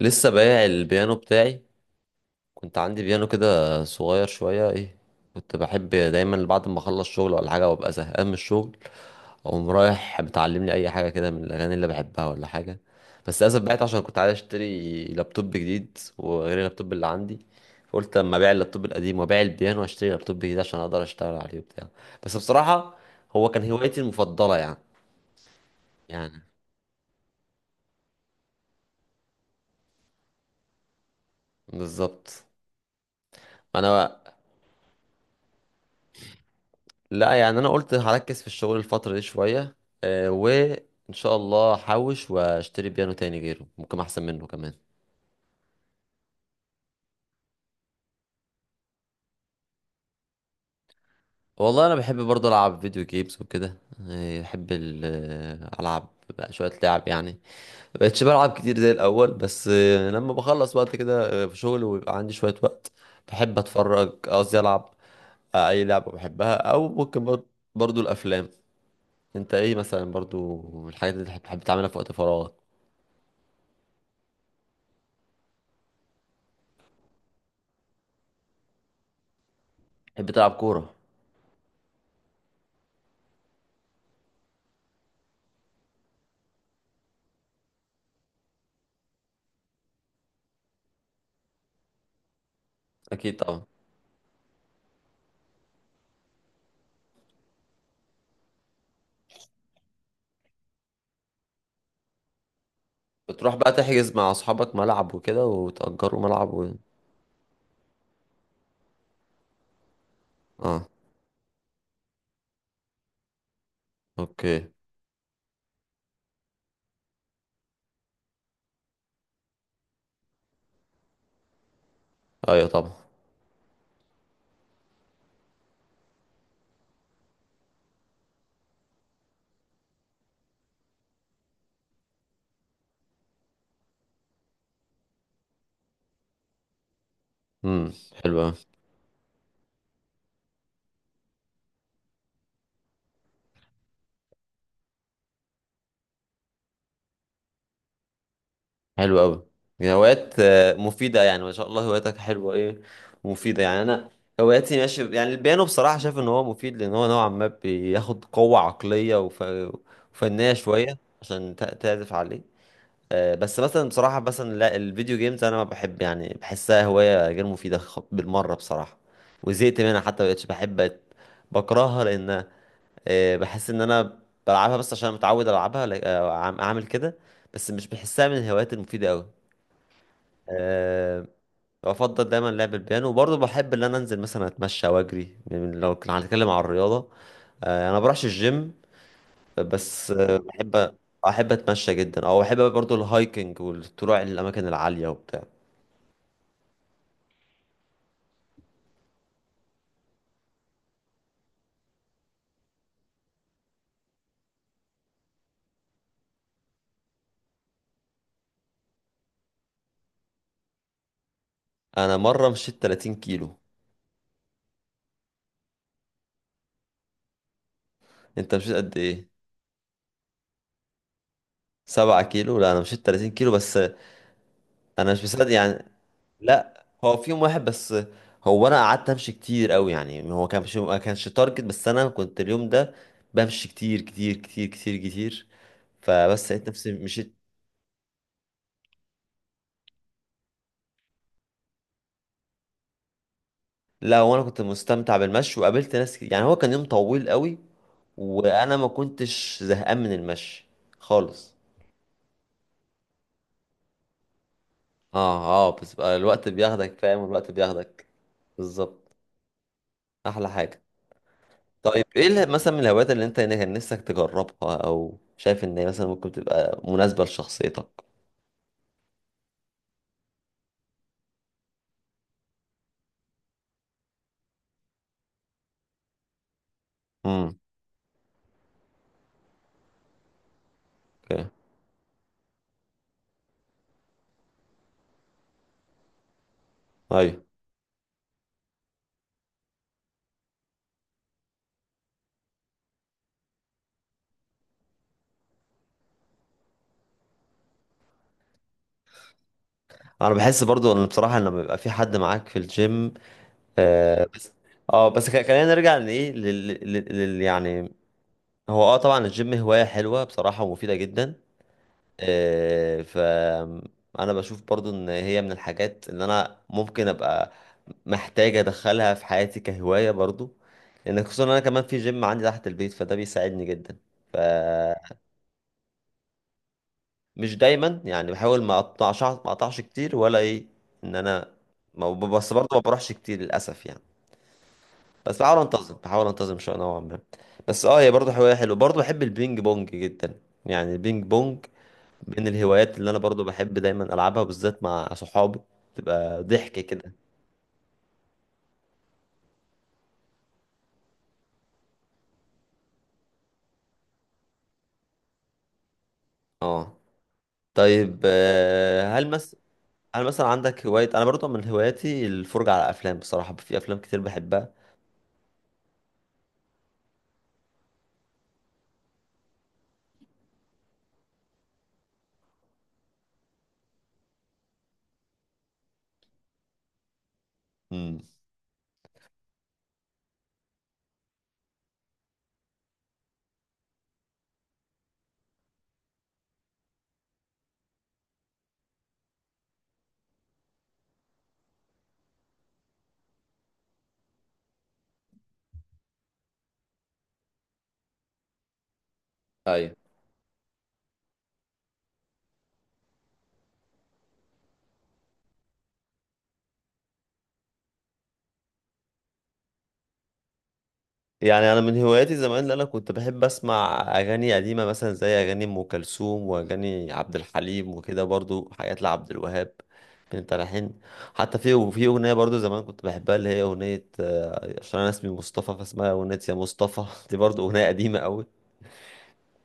لسه بايع البيانو بتاعي. كنت عندي بيانو كده صغير شوية، ايه، كنت بحب دايما بعد ما اخلص شغل ولا حاجة وابقى زهقان من الشغل، اقوم رايح متعلم لي اي حاجة كده من الاغاني اللي بحبها ولا حاجة. بس للاسف بعت عشان كنت عايز اشتري لابتوب جديد وغير اللابتوب اللي عندي. فقلت اما ابيع اللابتوب القديم وابيع البيانو واشتري لابتوب جديد عشان اقدر اشتغل عليه وبتاع. بس بصراحة هو كان هوايتي المفضلة يعني. يعني، بالظبط. انا. لا يعني انا قلت هركز في الشغل الفترة دي شوية. وان شاء الله هحوش واشتري بيانو تاني غيره ممكن احسن منه كمان. والله انا بحب برضه العب فيديو جيمز وكده، بحب العب بقى شوية لعب يعني. مبقتش بلعب كتير زي الاول، بس لما بخلص وقت كده، في شغل ويبقى عندي شوية وقت بحب اتفرج، قصدي العب اي لعبة بحبها، او ممكن برضه الافلام. انت ايه مثلا برضه الحاجات اللي بتحب تعملها في وقت فراغك؟ بتحب تلعب كورة؟ اكيد طبعا. بتروح بقى تحجز مع اصحابك ملعب وكده وتأجروا ملعب و... اه. اوكي. ايوه طبعا. امم. حلو قوي. حلو قوي. هوايات مفيدة يعني، ما شاء الله هواياتك حلوة، ايه، مفيدة يعني. انا هواياتي ماشي يعني. البيانو بصراحة شايف ان هو مفيد لان هو نوعا ما بياخد قوة عقلية وف... وفنية شوية عشان تعزف عليه. بس مثلا بصراحة مثلا لا، الفيديو جيمز أنا ما بحب، يعني بحسها هواية غير مفيدة بالمرة بصراحة. وزهقت منها، حتى مبقتش بحب، بقت بكرهها، لأن بحس إن أنا بلعبها بس عشان متعود ألعبها أعمل كده. بس مش بحسها من الهوايات المفيدة أوي. أه. بفضل دايما لعب البيانو، وبرضه بحب إن أنا أنزل مثلا أتمشى وأجري لو كنا هنتكلم عن الرياضة، أه أنا ما بروحش الجيم، بس بحب احب اتمشى جدا، او احب برضو الهايكنج والطلوع للاماكن العاليه وبتاع. انا مره مشيت 30 كيلو. انت مشيت قد ايه؟ 7 كيلو؟ لا انا مشيت 30 كيلو بس. انا مش مصدق يعني. لا هو في يوم واحد بس. هو انا قعدت امشي كتير قوي يعني، هو كان مش، ما كانش تارجت، بس انا كنت اليوم ده بمشي كتير، فبس لقيت نفسي مشيت. لا وانا كنت مستمتع بالمشي وقابلت ناس كتير. يعني هو كان يوم طويل قوي وانا ما كنتش زهقان من المشي خالص. اه اه، بس بقى الوقت بياخدك، فاهم، الوقت بياخدك. بالظبط، احلى حاجه. طيب ايه مثلا من الهوايات اللي انت كان نفسك تجربها او شايف ان هي مثلا ممكن تبقى مناسبه لشخصيتك؟ امم. اوكي. ايوه. انا بحس برضو ان بصراحه لما بيبقى في حد معاك في الجيم، آه بس، اه بس، خلينا نرجع لايه، يعني هو اه طبعا الجيم هوايه حلوه بصراحه ومفيده جدا، فأنا بشوف برضو إن هي من الحاجات اللي أنا ممكن أبقى محتاج أدخلها في حياتي كهواية برضو، لأن خصوصا إن أنا كمان في جيم عندي تحت البيت فده بيساعدني جدا. فمش دايما يعني، بحاول ما أقطعش كتير ولا إيه، إن أنا ما ب- بس برضو ما بروحش كتير للأسف يعني. بس بحاول أنتظم شوية نوعا ما. بس أه هي برضو هواية حلوة، برضو بحب البينج بونج جدا يعني. البينج بونج من الهوايات اللي انا برضو بحب دايما العبها بالذات مع صحابي، تبقى ضحك كده. اه. طيب هل مثلا، هل مثلا عندك هواية؟ انا برضو من هواياتي الفرجة على افلام، بصراحة في افلام كتير بحبها. امم. ايوه. يعني انا من هواياتي زمان اللي انا كنت بحب اسمع اغاني قديمه مثلا زي اغاني ام كلثوم واغاني عبد الحليم وكده، برضو حاجات لعبد الوهاب من التلحين. حتى في وفي اغنيه برضو زمان كنت بحبها اللي هي اغنيه عشان انا اسمي مصطفى فاسمها اغنيه يا مصطفى دي برضو اغنيه قديمه قوي،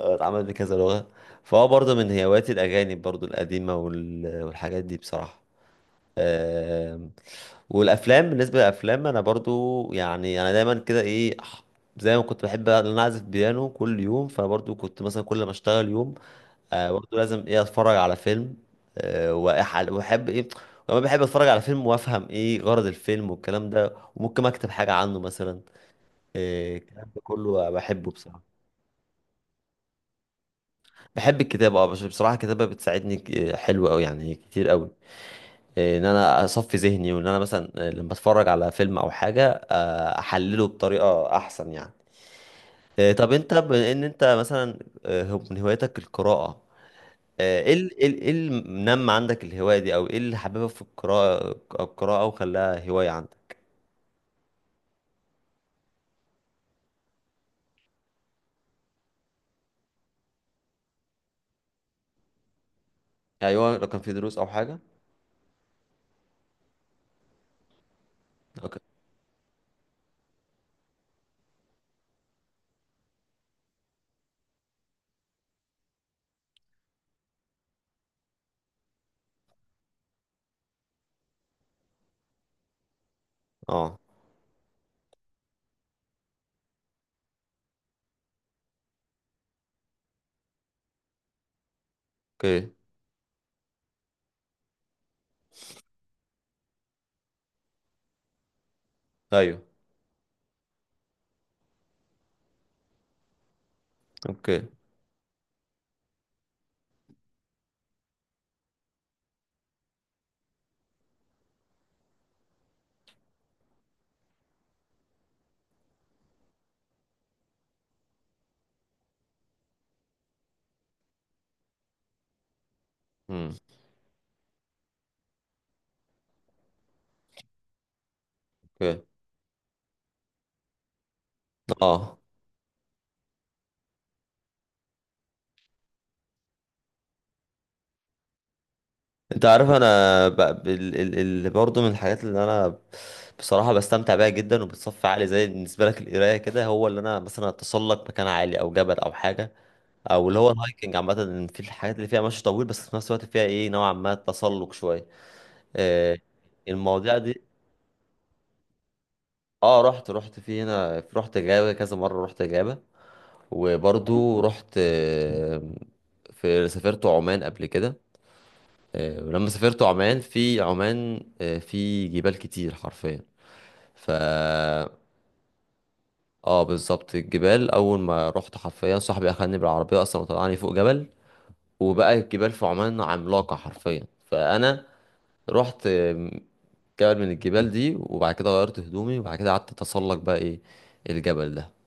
اتعملت بكذا لغه. فهو برضو من هواياتي الاغاني برضو القديمه والحاجات دي بصراحه. آمم. والافلام، بالنسبه للافلام انا برضو يعني انا دايما كده ايه، زي ما كنت بحب بقى ان انا اعزف بيانو كل يوم، فبرضو كنت مثلا كل ما اشتغل يوم آه برضو لازم ايه اتفرج على فيلم، آه واحب ايه كمان، بحب اتفرج على فيلم وافهم ايه غرض الفيلم والكلام ده وممكن اكتب حاجه عنه مثلا. الكلام ده كله بحبه بصراحه. بحب الكتابه اه، بس بصراحه الكتابه بتساعدني حلوه قوي يعني، كتير قوي ان انا اصفي ذهني وان انا مثلا لما اتفرج على فيلم او حاجه احلله بطريقه احسن يعني. طب انت بما ان انت مثلا من هواياتك القراءه، ايه ايه ال- إيه اللي منمى عندك الهوايه دي او ايه اللي حببك في القراءه، القراءه وخلاها هوايه عندك؟ ايوه لو كان في دروس او حاجه. اوكي. اه. اوكي. ايوه. اوكي. امم. اوكي. اه. انت عارف انا ب... ال... ال... ال... برضه من الحاجات اللي انا بصراحه بستمتع بيها جدا وبتصفي عالي، زي بالنسبه لك القرايه كده، هو اللي انا مثلا اتسلق مكان عالي او جبل او حاجه، او اللي هو الهايكنج عامه، ان في الحاجات اللي فيها مشي طويل بس في نفس الوقت فيها ايه نوعا ما تسلق شويه، آه المواضيع دي. اه رحت، رحت في هنا رحت جابه كذا مره، رحت جابه وبرضه رحت في سافرت عمان قبل كده، ولما سافرت عمان في عمان في جبال كتير حرفيا. ف اه بالظبط، الجبال اول ما رحت حرفيا صاحبي اخدني بالعربيه اصلا وطلعني فوق جبل، وبقى الجبال في عمان عملاقه حرفيا، فانا رحت جبل من الجبال دي وبعد كده غيرت هدومي وبعد كده قعدت اتسلق بقى ايه الجبل ده